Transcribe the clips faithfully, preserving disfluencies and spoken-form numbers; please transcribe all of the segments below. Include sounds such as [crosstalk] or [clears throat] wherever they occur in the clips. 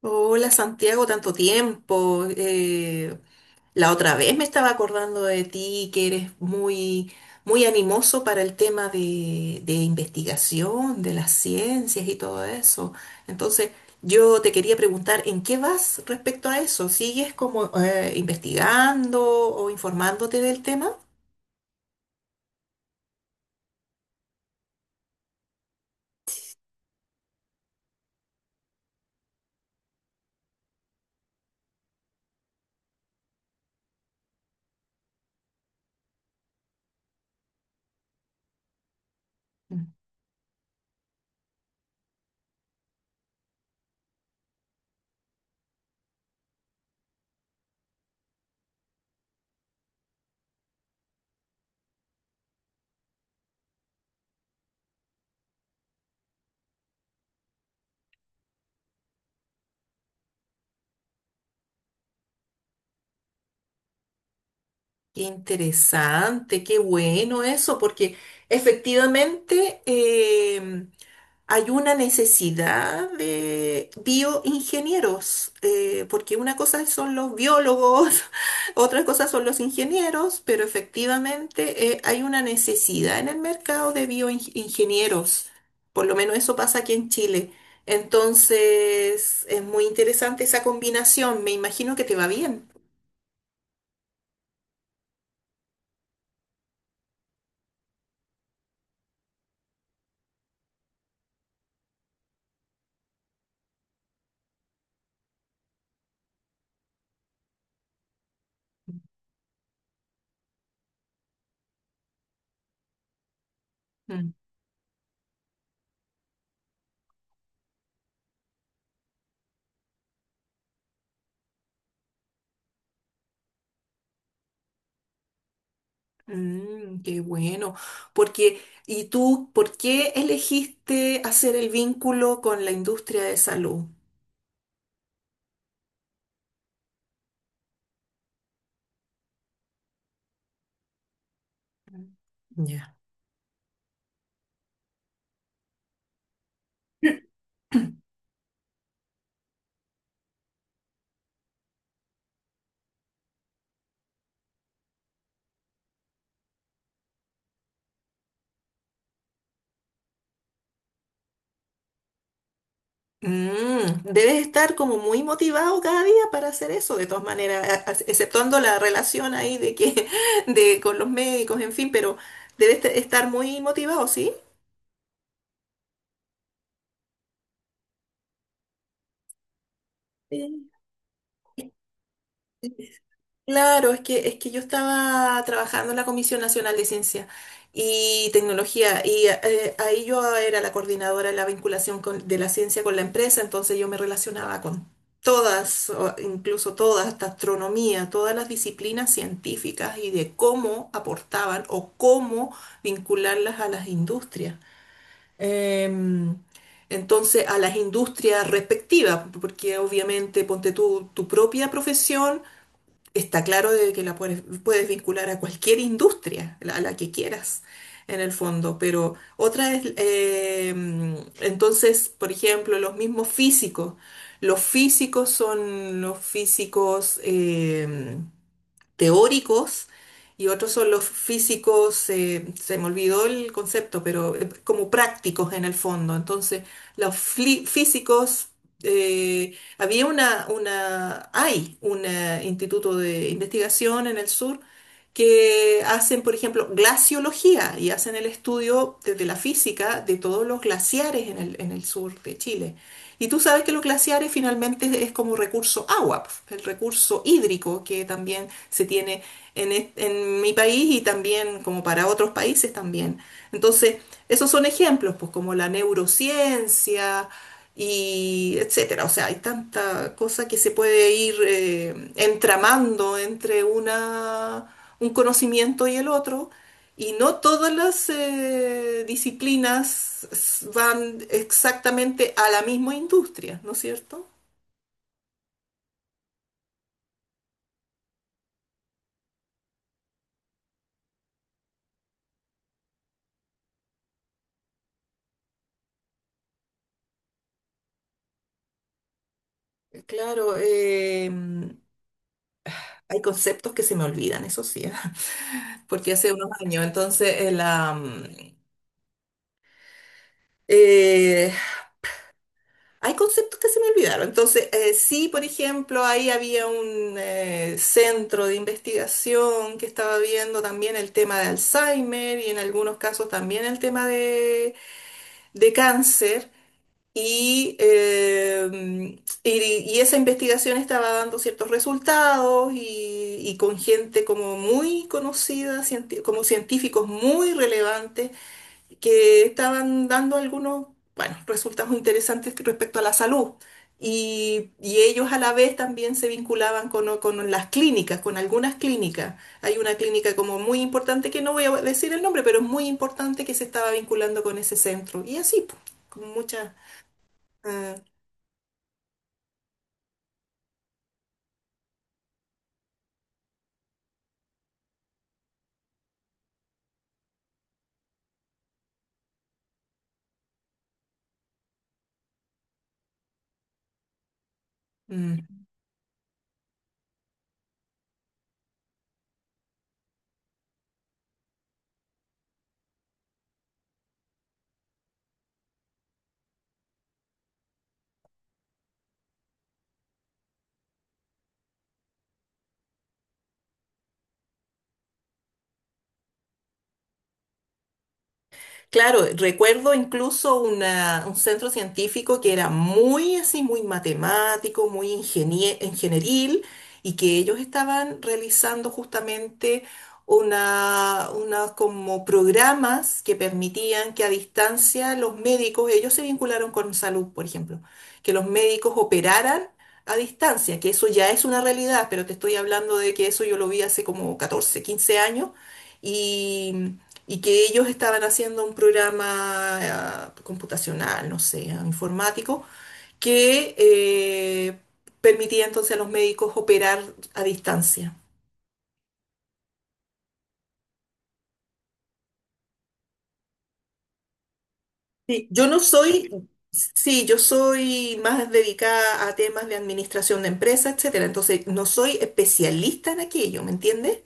Hola Santiago, tanto tiempo. Eh, la otra vez me estaba acordando de ti, que eres muy, muy animoso para el tema de, de investigación, de las ciencias y todo eso. Entonces, yo te quería preguntar, ¿en qué vas respecto a eso? ¿Sigues como eh, investigando o informándote del tema? Qué interesante, qué bueno eso, porque efectivamente em, hay una necesidad de bioingenieros, eh, porque una cosa son los biólogos, [laughs] otra cosa son los ingenieros, pero efectivamente eh, hay una necesidad en el mercado de bioingenieros, por lo menos eso pasa aquí en Chile. Entonces, es muy interesante esa combinación, me imagino que te va bien. Mm, qué bueno. Porque, ¿y tú por qué elegiste hacer el vínculo con la industria de salud? Ya. [clears throat] Mm, debes estar como muy motivado cada día para hacer eso, de todas maneras, a- a- exceptuando la relación ahí de que, [laughs] de con los médicos, en fin, pero debes te- estar muy motivado, ¿sí? Sí. Claro, es que, es que yo estaba trabajando en la Comisión Nacional de Ciencia y Tecnología y eh, ahí yo era la coordinadora de la vinculación con- de la ciencia con la empresa, entonces yo me relacionaba con todas, o incluso todas, hasta astronomía, todas las disciplinas científicas y de cómo aportaban o cómo vincularlas a las industrias. Em, entonces, a las industrias respectivas, porque obviamente ponte tú tu propia profesión está claro de que la puedes, puedes vincular a cualquier industria, la- a la que quieras, en el fondo. Pero otra es, eh, entonces, por ejemplo, los mismos físicos. Los físicos son los físicos eh, teóricos, y otros son los físicos, eh, se me olvidó el concepto, pero eh, como prácticos en el fondo. Entonces, los fli- físicos... eh, había una, una, hay un eh, instituto de investigación en el sur que hacen, por ejemplo, glaciología y hacen el estudio desde la física de todos los glaciares en el, en el sur de Chile. Y tú sabes que los glaciares finalmente es como recurso agua, el recurso hídrico que también se tiene en, es- en mi país, y también como para otros países también. Entonces, esos son ejemplos, pues como la neurociencia y etcétera. O sea, hay tanta cosa que se puede ir eh, entramando entre una, un conocimiento y el otro, y no todas las eh, disciplinas s- van exactamente a la misma industria, ¿no es cierto? Claro, eh, hay conceptos que se me olvidan, eso sí, [laughs] porque hace unos años, entonces eh, la, mm, eh, hay conceptos que se me olvidaron. Entonces, eh, sí, por ejemplo, ahí había un eh, centro de investigación que estaba viendo también el tema de Alzheimer y en algunos casos también el tema de, de cáncer. Y, eh, y, y esa investigación estaba dando ciertos resultados, y, y con gente como muy conocida, cienti- como científicos muy relevantes que estaban dando algunos, bueno, resultados interesantes respecto a la salud. Y, y ellos a la vez también se vinculaban con, con las clínicas, con algunas clínicas. Hay una clínica como muy importante, que no voy a decir el nombre, pero es muy importante, que se estaba vinculando con ese centro. Y así, pues, con muchas... ah, mm. Claro, recuerdo incluso una- un centro científico que era muy así, muy matemático, muy ingenie- ingenieril, y que ellos estaban realizando justamente una, una como programas que permitían que a distancia los médicos, ellos se vincularon con salud, por ejemplo, que los médicos operaran a distancia, que eso ya es una realidad, pero te estoy hablando de que eso yo lo vi hace como catorce quince años, y que ellos estaban haciendo un programa ah, computacional, no sé, ah, informático, que eh, permitía entonces a los médicos operar a distancia. Sí, yo no soy, sí, yo soy más dedicada a temas de administración de empresas, etcétera, entonces no soy especialista en aquello, ¿me entiendes?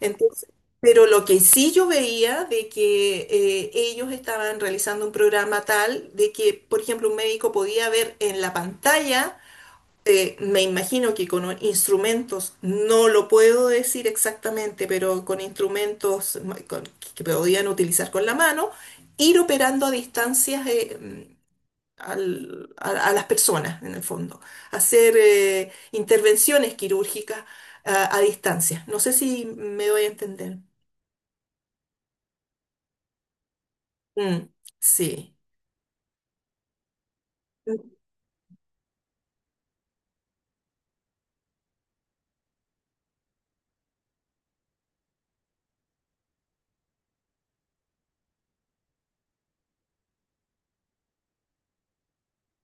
Entonces, pero lo que sí yo veía de que eh, ellos estaban realizando un programa tal de que, por ejemplo, un médico podía ver en la pantalla, eh, me imagino que con instrumentos, no lo puedo decir exactamente, pero con instrumentos ma- con- que podían utilizar con la mano, ir operando a distancias eh, mm, al- a, a las personas, en el fondo. Hacer eh, intervenciones quirúrgicas a, a distancia. No sé si me doy a entender. Mm, sí.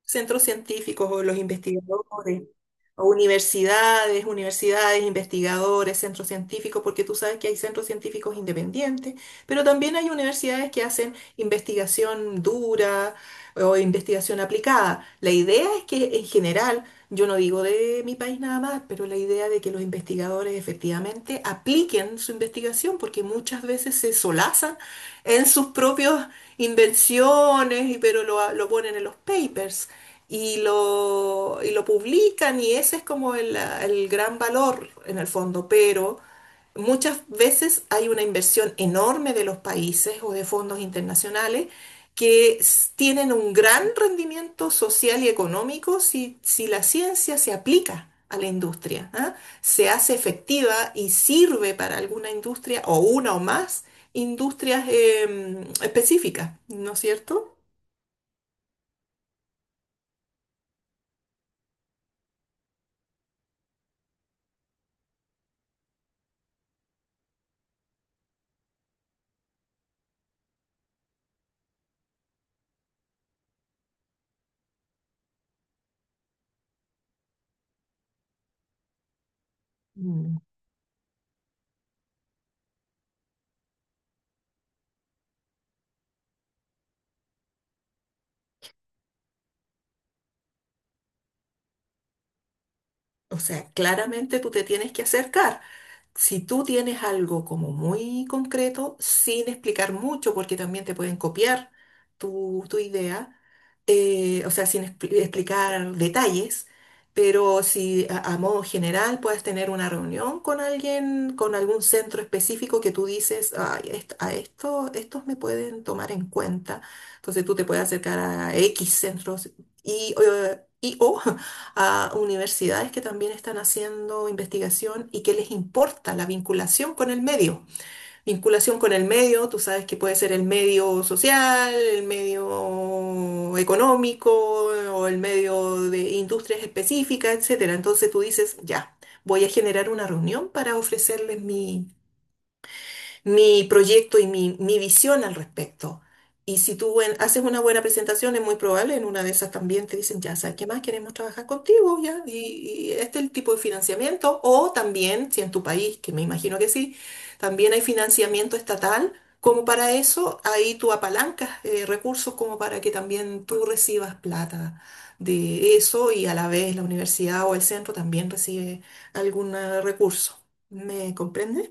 Centros científicos o los investigadores, o universidades, universidades, investigadores, centros científicos, porque tú sabes que hay centros científicos independientes, pero también hay universidades que hacen investigación dura, eh, o investigación aplicada. La idea es que, en general, yo no digo de mi país nada más, pero la idea de que los investigadores efectivamente apliquen su investigación, porque muchas veces se solazan en sus propios invenciones, y pero lo, lo ponen en los papers y lo, y lo publican, y ese es como el, el gran valor en el fondo, pero muchas veces hay una inversión enorme de los países o de fondos internacionales que s- tienen un gran rendimiento social y económico si, si la ciencia se aplica a la industria, ¿ah? Se hace efectiva y sirve para alguna industria, o una o más industrias em, específicas, ¿no es cierto? Mm. O sea, claramente tú te tienes que acercar. Si tú tienes algo como muy concreto, sin explicar mucho, porque también te pueden copiar tu, tu idea, eh, o sea, sin expli- explicar detalles, pero si a, a modo general puedes tener una reunión con alguien, con algún centro específico que tú dices: "Ay, est- a esto, estos me pueden tomar en cuenta". Entonces tú te puedes acercar a equis centros y, eh, y o [laughs] a universidades que también están haciendo investigación y que les importa la vinculación con el medio. Vinculación con el medio, tú sabes que puede ser el medio social, el medio económico o el medio de industrias específicas, etcétera. Entonces tú dices: ya, voy a generar una reunión para ofrecerles mi mi proyecto y mi, mi visión al respecto. Y si tú buen- haces una buena presentación, es muy probable en una de esas también te dicen: ya sabes qué más, queremos trabajar contigo, ya, y, y este es el tipo de financiamiento. O también, si en tu país, que me imagino que sí, también hay financiamiento estatal, como para eso, ahí tú apalancas eh, recursos como para que también tú recibas plata de eso, y a la vez la universidad o el centro también recibe algún eh, recurso. ¿Me comprendes?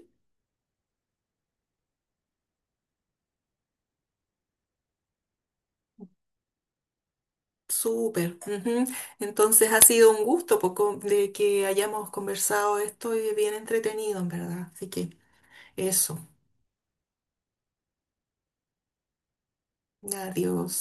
Súper. Ujú. Entonces, ha sido un gusto poco de que hayamos conversado esto y bien entretenido, en verdad. Así que eso. Adiós.